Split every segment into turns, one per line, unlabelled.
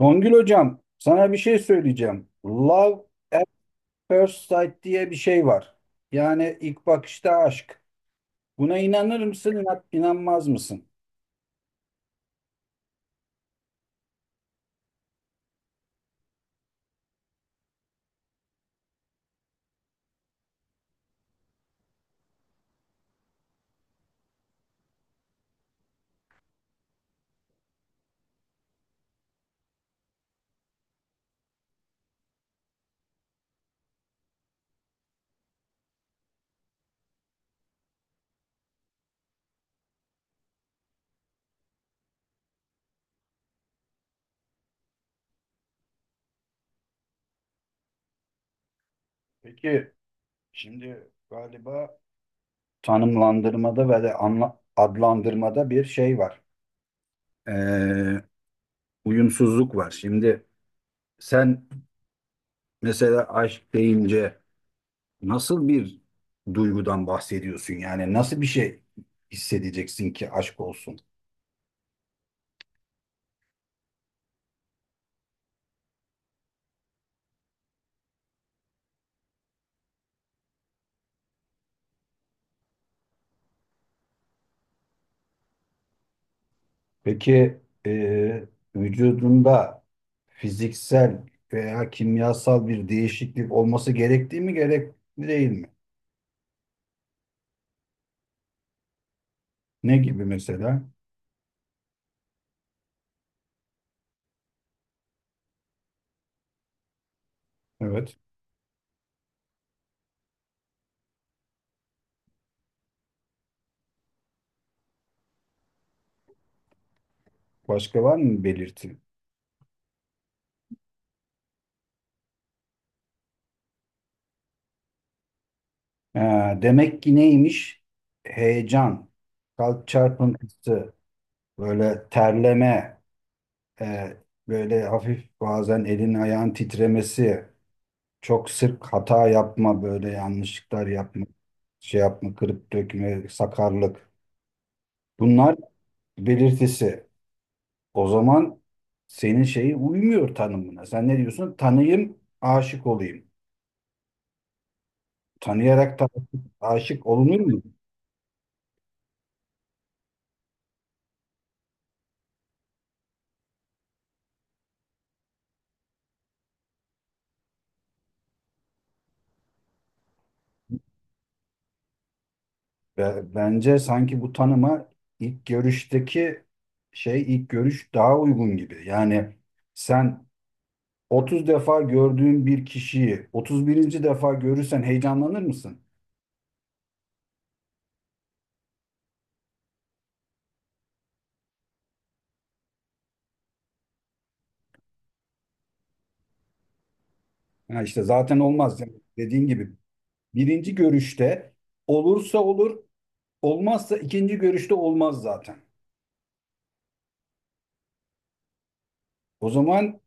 Songül hocam, sana bir şey söyleyeceğim. Love at first sight diye bir şey var. Yani ilk bakışta aşk. Buna inanır mısın, inanmaz mısın? Peki, şimdi galiba tanımlandırmada ve de adlandırmada bir şey var. Ee, uyumsuzluk var. Şimdi sen mesela aşk deyince nasıl bir duygudan bahsediyorsun yani? Nasıl bir şey hissedeceksin ki aşk olsun? Peki, e, vücudunda fiziksel veya kimyasal bir değişiklik olması gerektiği mi gerekli değil mi? Ne gibi mesela? Evet. Başka var mı belirti? Ha, demek ki neymiş? Heyecan, kalp çarpıntısı, böyle terleme, e, böyle hafif bazen elin ayağın titremesi, çok sık hata yapma, böyle yanlışlıklar yapma, şey yapma, kırıp dökme, sakarlık. Bunlar belirtisi. O zaman senin şeyi uymuyor tanımına. Sen ne diyorsun? Tanıyım, aşık olayım. Tanıyarak da aşık olunur mu? Bence sanki bu tanıma ilk görüşteki şey ilk görüş daha uygun gibi. Yani sen 30 defa gördüğün bir kişiyi 31. defa görürsen heyecanlanır mısın? Ha işte zaten olmaz yani dediğin gibi. Birinci görüşte olursa olur, olmazsa ikinci görüşte olmaz zaten. O zaman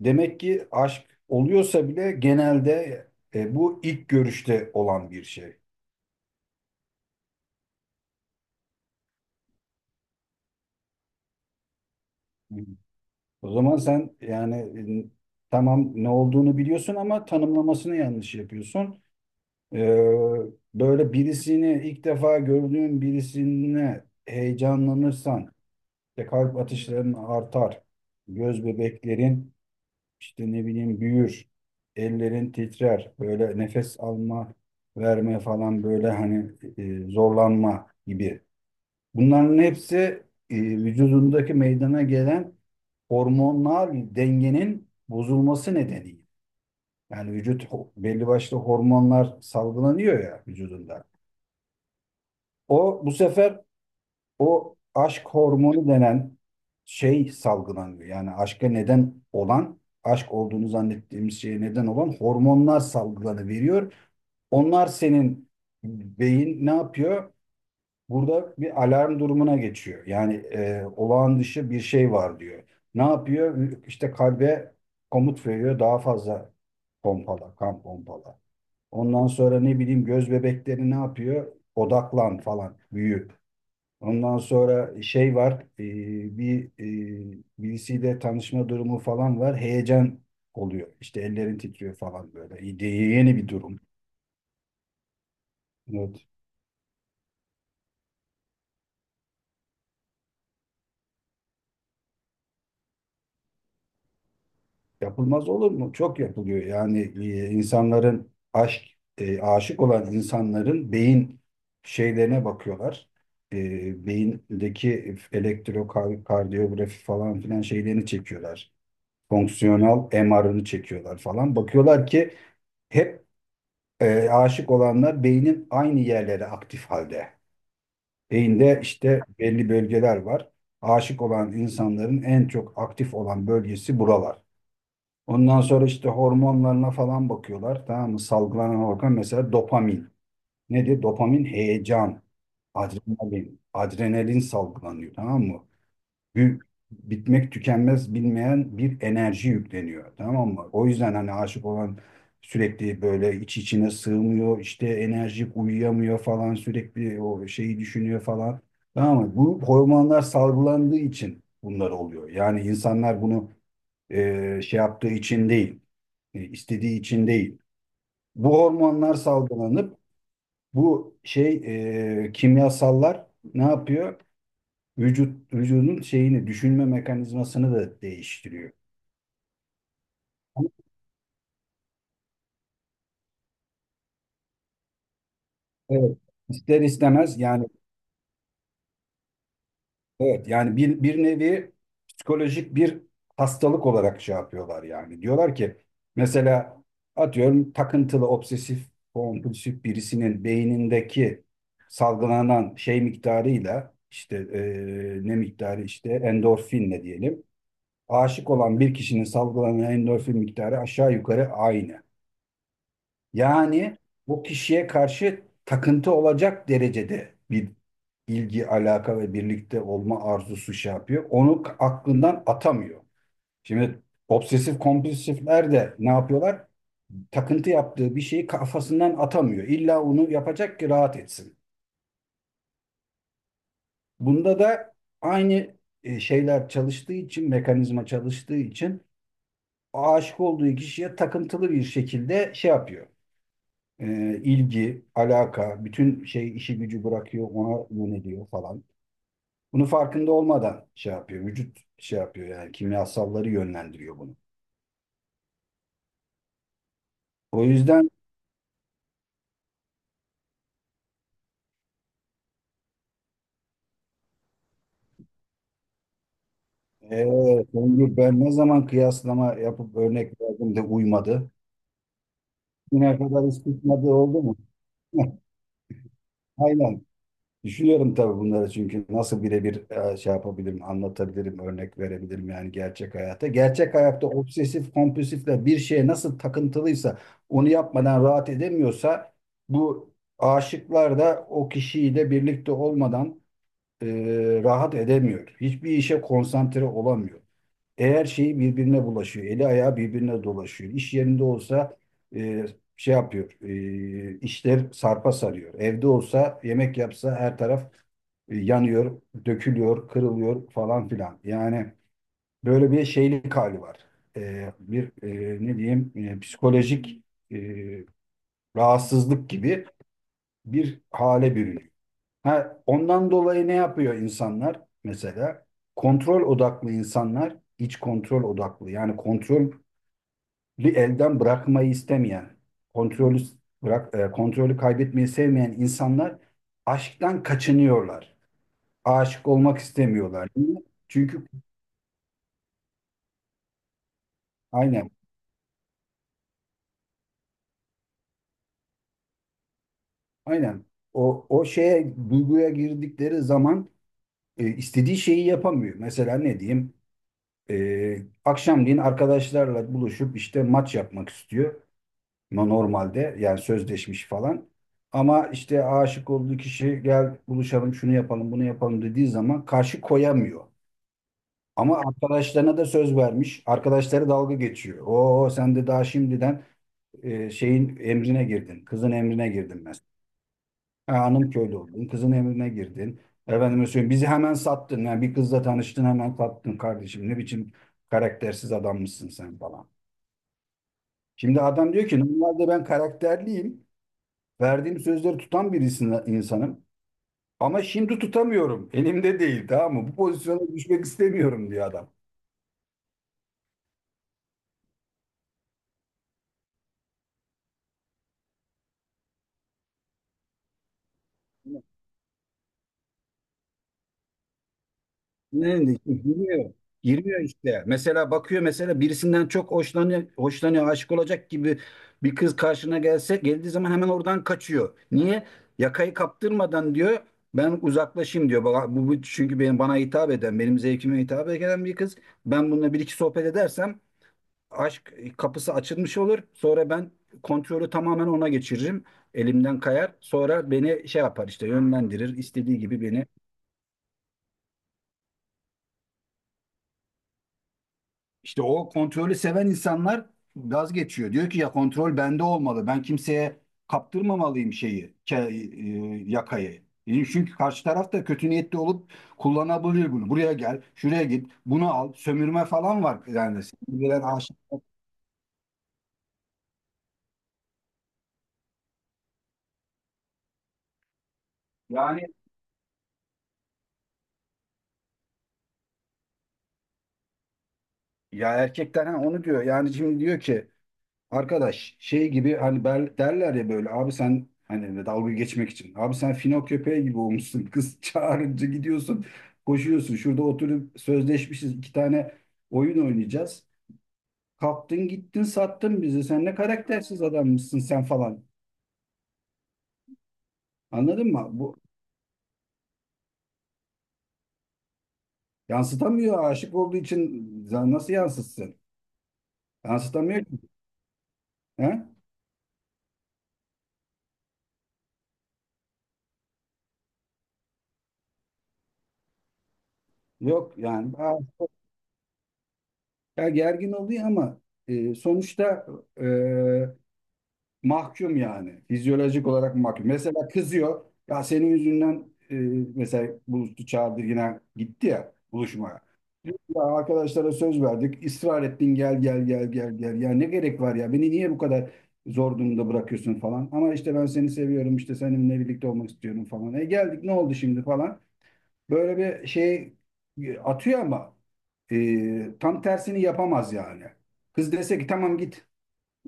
demek ki aşk oluyorsa bile genelde bu ilk görüşte olan bir şey. O zaman sen yani, e, tamam ne olduğunu biliyorsun ama tanımlamasını yanlış yapıyorsun. Ee, Böyle birisini ilk defa gördüğün birisine heyecanlanırsan işte kalp atışların artar, göz bebeklerin işte ne bileyim büyür, ellerin titrer, böyle nefes alma, verme falan böyle hani zorlanma gibi. Bunların hepsi vücudundaki meydana gelen hormonal dengenin bozulması nedeniyle. Yani vücut belli başlı hormonlar salgılanıyor ya vücudunda. O bu sefer o aşk hormonu denen şey salgılanıyor. Yani aşka neden olan, aşk olduğunu zannettiğimiz şeye neden olan hormonlar salgılanıveriyor. Onlar senin beyin ne yapıyor? Burada bir alarm durumuna geçiyor. Yani olağan dışı bir şey var diyor. Ne yapıyor? İşte kalbe komut veriyor. Daha fazla pompala, kan pompala. Ondan sonra ne bileyim göz bebekleri ne yapıyor? Odaklan falan, büyü. Ondan sonra şey var, e, bir birisiyle tanışma durumu falan var. Heyecan oluyor. İşte ellerin titriyor falan böyle. Yeni bir durum. Evet. Yapılmaz olur mu? Çok yapılıyor. Yani insanların aşk, aşık olan insanların beyin şeylerine bakıyorlar. E, beyindeki elektrokardiyografi falan filan şeylerini çekiyorlar. Fonksiyonel MR'ını çekiyorlar falan. Bakıyorlar ki hep aşık olanlar beynin aynı yerlere aktif halde. Beyinde işte belli bölgeler var. Aşık olan insanların en çok aktif olan bölgesi buralar. Ondan sonra işte hormonlarına falan bakıyorlar. Tamam mı? Salgılanan hormon mesela dopamin. Nedir? Dopamin heyecan, adrenalin, adrenalin salgılanıyor. Tamam mı? Bir, bitmek tükenmez bilmeyen bir enerji yükleniyor. Tamam mı? O yüzden hani aşık olan sürekli böyle iç içine sığmıyor. İşte enerjik uyuyamıyor falan sürekli o şeyi düşünüyor falan. Tamam mı? Bu hormonlar salgılandığı için bunlar oluyor. Yani insanlar bunu şey yaptığı için değil. İstediği için değil. Bu hormonlar salgılanıp bu şey, kimyasallar ne yapıyor? Vücut vücudun şeyini düşünme mekanizmasını da değiştiriyor. Evet. İster istemez yani evet yani bir, bir nevi psikolojik bir hastalık olarak şey yapıyorlar yani. Diyorlar ki mesela atıyorum takıntılı obsesif kompulsif birisinin beynindeki salgılanan şey miktarıyla işte ne miktarı işte endorfinle diyelim. Aşık olan bir kişinin salgılanan endorfin miktarı aşağı yukarı aynı. Yani bu kişiye karşı takıntı olacak derecede bir ilgi, alaka ve birlikte olma arzusu şey yapıyor. Onu aklından atamıyor. Şimdi obsesif kompulsifler de ne yapıyorlar? Takıntı yaptığı bir şeyi kafasından atamıyor. İlla onu yapacak ki rahat etsin. Bunda da aynı şeyler çalıştığı için, mekanizma çalıştığı için aşık olduğu kişiye takıntılı bir şekilde şey yapıyor. İlgi, alaka, bütün şey işi gücü bırakıyor, ona yöneliyor falan. Bunu farkında olmadan şey yapıyor, vücut şey yapıyor yani kimyasalları yönlendiriyor bunu. O yüzden, e, Songül, ben ne zaman kıyaslama yapıp örnek verdim de uymadı. Güne kadar hiç tutmadı oldu mu? Aynen. Düşünüyorum tabii bunları çünkü nasıl birebir şey yapabilirim, anlatabilirim, örnek verebilirim yani gerçek hayata. Gerçek hayatta obsesif kompulsifle bir şeye nasıl takıntılıysa onu yapmadan rahat edemiyorsa bu aşıklar da o kişiyle birlikte olmadan e, rahat edemiyor. Hiçbir işe konsantre olamıyor. Eğer şeyi birbirine bulaşıyor, eli ayağı birbirine dolaşıyor. İş yerinde olsa e, şey yapıyor, işler sarpa sarıyor. Evde olsa yemek yapsa her taraf yanıyor, dökülüyor, kırılıyor falan filan. Yani böyle bir şeylik hali var. Ne diyeyim, psikolojik e, rahatsızlık gibi bir hale bürünüyor. Ha, ondan dolayı ne yapıyor insanlar mesela? Kontrol odaklı insanlar iç kontrol odaklı. Yani kontrolü elden bırakmayı istemeyen, kontrolü bırak kontrolü kaybetmeyi sevmeyen insanlar aşktan kaçınıyorlar. Aşık olmak istemiyorlar. Niye? Çünkü aynen aynen o şeye duyguya girdikleri zaman istediği şeyi yapamıyor. Mesela ne diyeyim? E, Akşamleyin arkadaşlarla buluşup işte maç yapmak istiyor. Normalde yani sözleşmiş falan. Ama işte aşık olduğu kişi gel buluşalım şunu yapalım bunu yapalım dediği zaman karşı koyamıyor. Ama arkadaşlarına da söz vermiş. Arkadaşları dalga geçiyor. Oo sen de daha şimdiden şeyin emrine girdin. Kızın emrine girdin mesela. Ha, hanım köylü oldun. Kızın emrine girdin. Efendime söyleyeyim bizi hemen sattın. Yani bir kızla tanıştın hemen sattın kardeşim. Ne biçim karaktersiz adammışsın sen falan. Şimdi adam diyor ki normalde ben karakterliyim. Verdiğim sözleri tutan bir insanım. Ama şimdi tutamıyorum. Elimde değil tamam mı? Bu pozisyona düşmek istemiyorum diyor adam. Ne dedi? Girmiyor. Girmiyor işte. Mesela bakıyor mesela birisinden çok hoşlanıyor, hoşlanıyor, aşık olacak gibi bir kız karşına gelse geldiği zaman hemen oradan kaçıyor. Niye? Yakayı kaptırmadan diyor ben uzaklaşayım diyor. Bu, bu çünkü benim bana hitap eden, benim zevkime hitap eden bir kız. Ben bununla bir iki sohbet edersem aşk kapısı açılmış olur. Sonra ben kontrolü tamamen ona geçiririm. Elimden kayar. Sonra beni şey yapar işte yönlendirir, istediği gibi beni. İşte o kontrolü seven insanlar gaz geçiyor. Diyor ki ya kontrol bende olmalı. Ben kimseye kaptırmamalıyım şeyi, yakayı. E, çünkü karşı taraf da kötü niyetli olup kullanabilir bunu. Buraya gel, şuraya git, bunu al, sömürme falan var. Yani sevgilen aşık. Yani ya erkekler ha, onu diyor. Yani şimdi diyor ki arkadaş şey gibi hani ben, derler ya böyle abi sen hani dalga geçmek için. Abi sen fino köpeği gibi olmuşsun. Kız çağırınca gidiyorsun koşuyorsun. Şurada oturup sözleşmişiz iki tane oyun oynayacağız. Kalktın gittin sattın bizi. Sen ne karaktersiz adammışsın sen falan. Anladın mı? Bu yansıtamıyor aşık olduğu için nasıl yansıtsın? Yansıtamıyor ki. He? Yok yani. Ha, ya gergin oluyor ama sonuçta e, mahkum yani. Fizyolojik olarak mahkum. Mesela kızıyor. Ya senin yüzünden, e, mesela Bulut'u çağırdı yine gitti ya buluşmaya. Diyor ki, ya arkadaşlara söz verdik. Israr ettin gel gel gel gel gel. Ya ne gerek var ya? Beni niye bu kadar zor durumda bırakıyorsun falan. Ama işte ben seni seviyorum işte seninle birlikte olmak istiyorum falan. E geldik ne oldu şimdi falan. Böyle bir şey atıyor ama tam tersini yapamaz yani. Kız dese ki tamam git,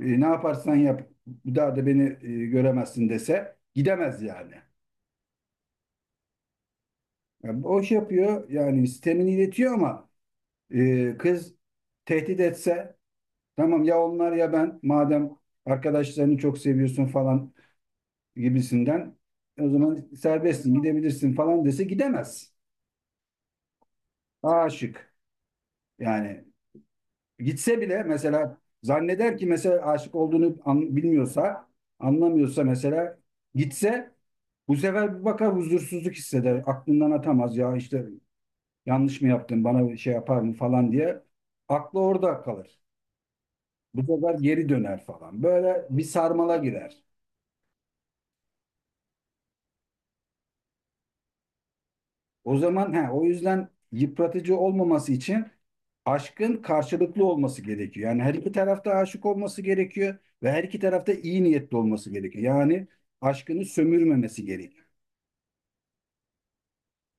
ne yaparsan yap bir daha da beni göremezsin dese gidemez yani. Yani boş yapıyor yani sistemini iletiyor ama kız tehdit etse tamam ya onlar ya ben madem arkadaşlarını çok seviyorsun falan gibisinden o zaman serbestsin gidebilirsin falan dese gidemez. Aşık yani gitse bile mesela zanneder ki mesela aşık olduğunu bilmiyorsa anlamıyorsa mesela gitse bu sefer bir bakar huzursuzluk hisseder. Aklından atamaz ya işte yanlış mı yaptım bana bir şey yapar mı falan diye. Aklı orada kalır. Bu sefer geri döner falan. Böyle bir sarmala girer. O zaman he, o yüzden yıpratıcı olmaması için aşkın karşılıklı olması gerekiyor. Yani her iki tarafta aşık olması gerekiyor ve her iki tarafta iyi niyetli olması gerekiyor. Yani aşkını sömürmemesi gerekiyor.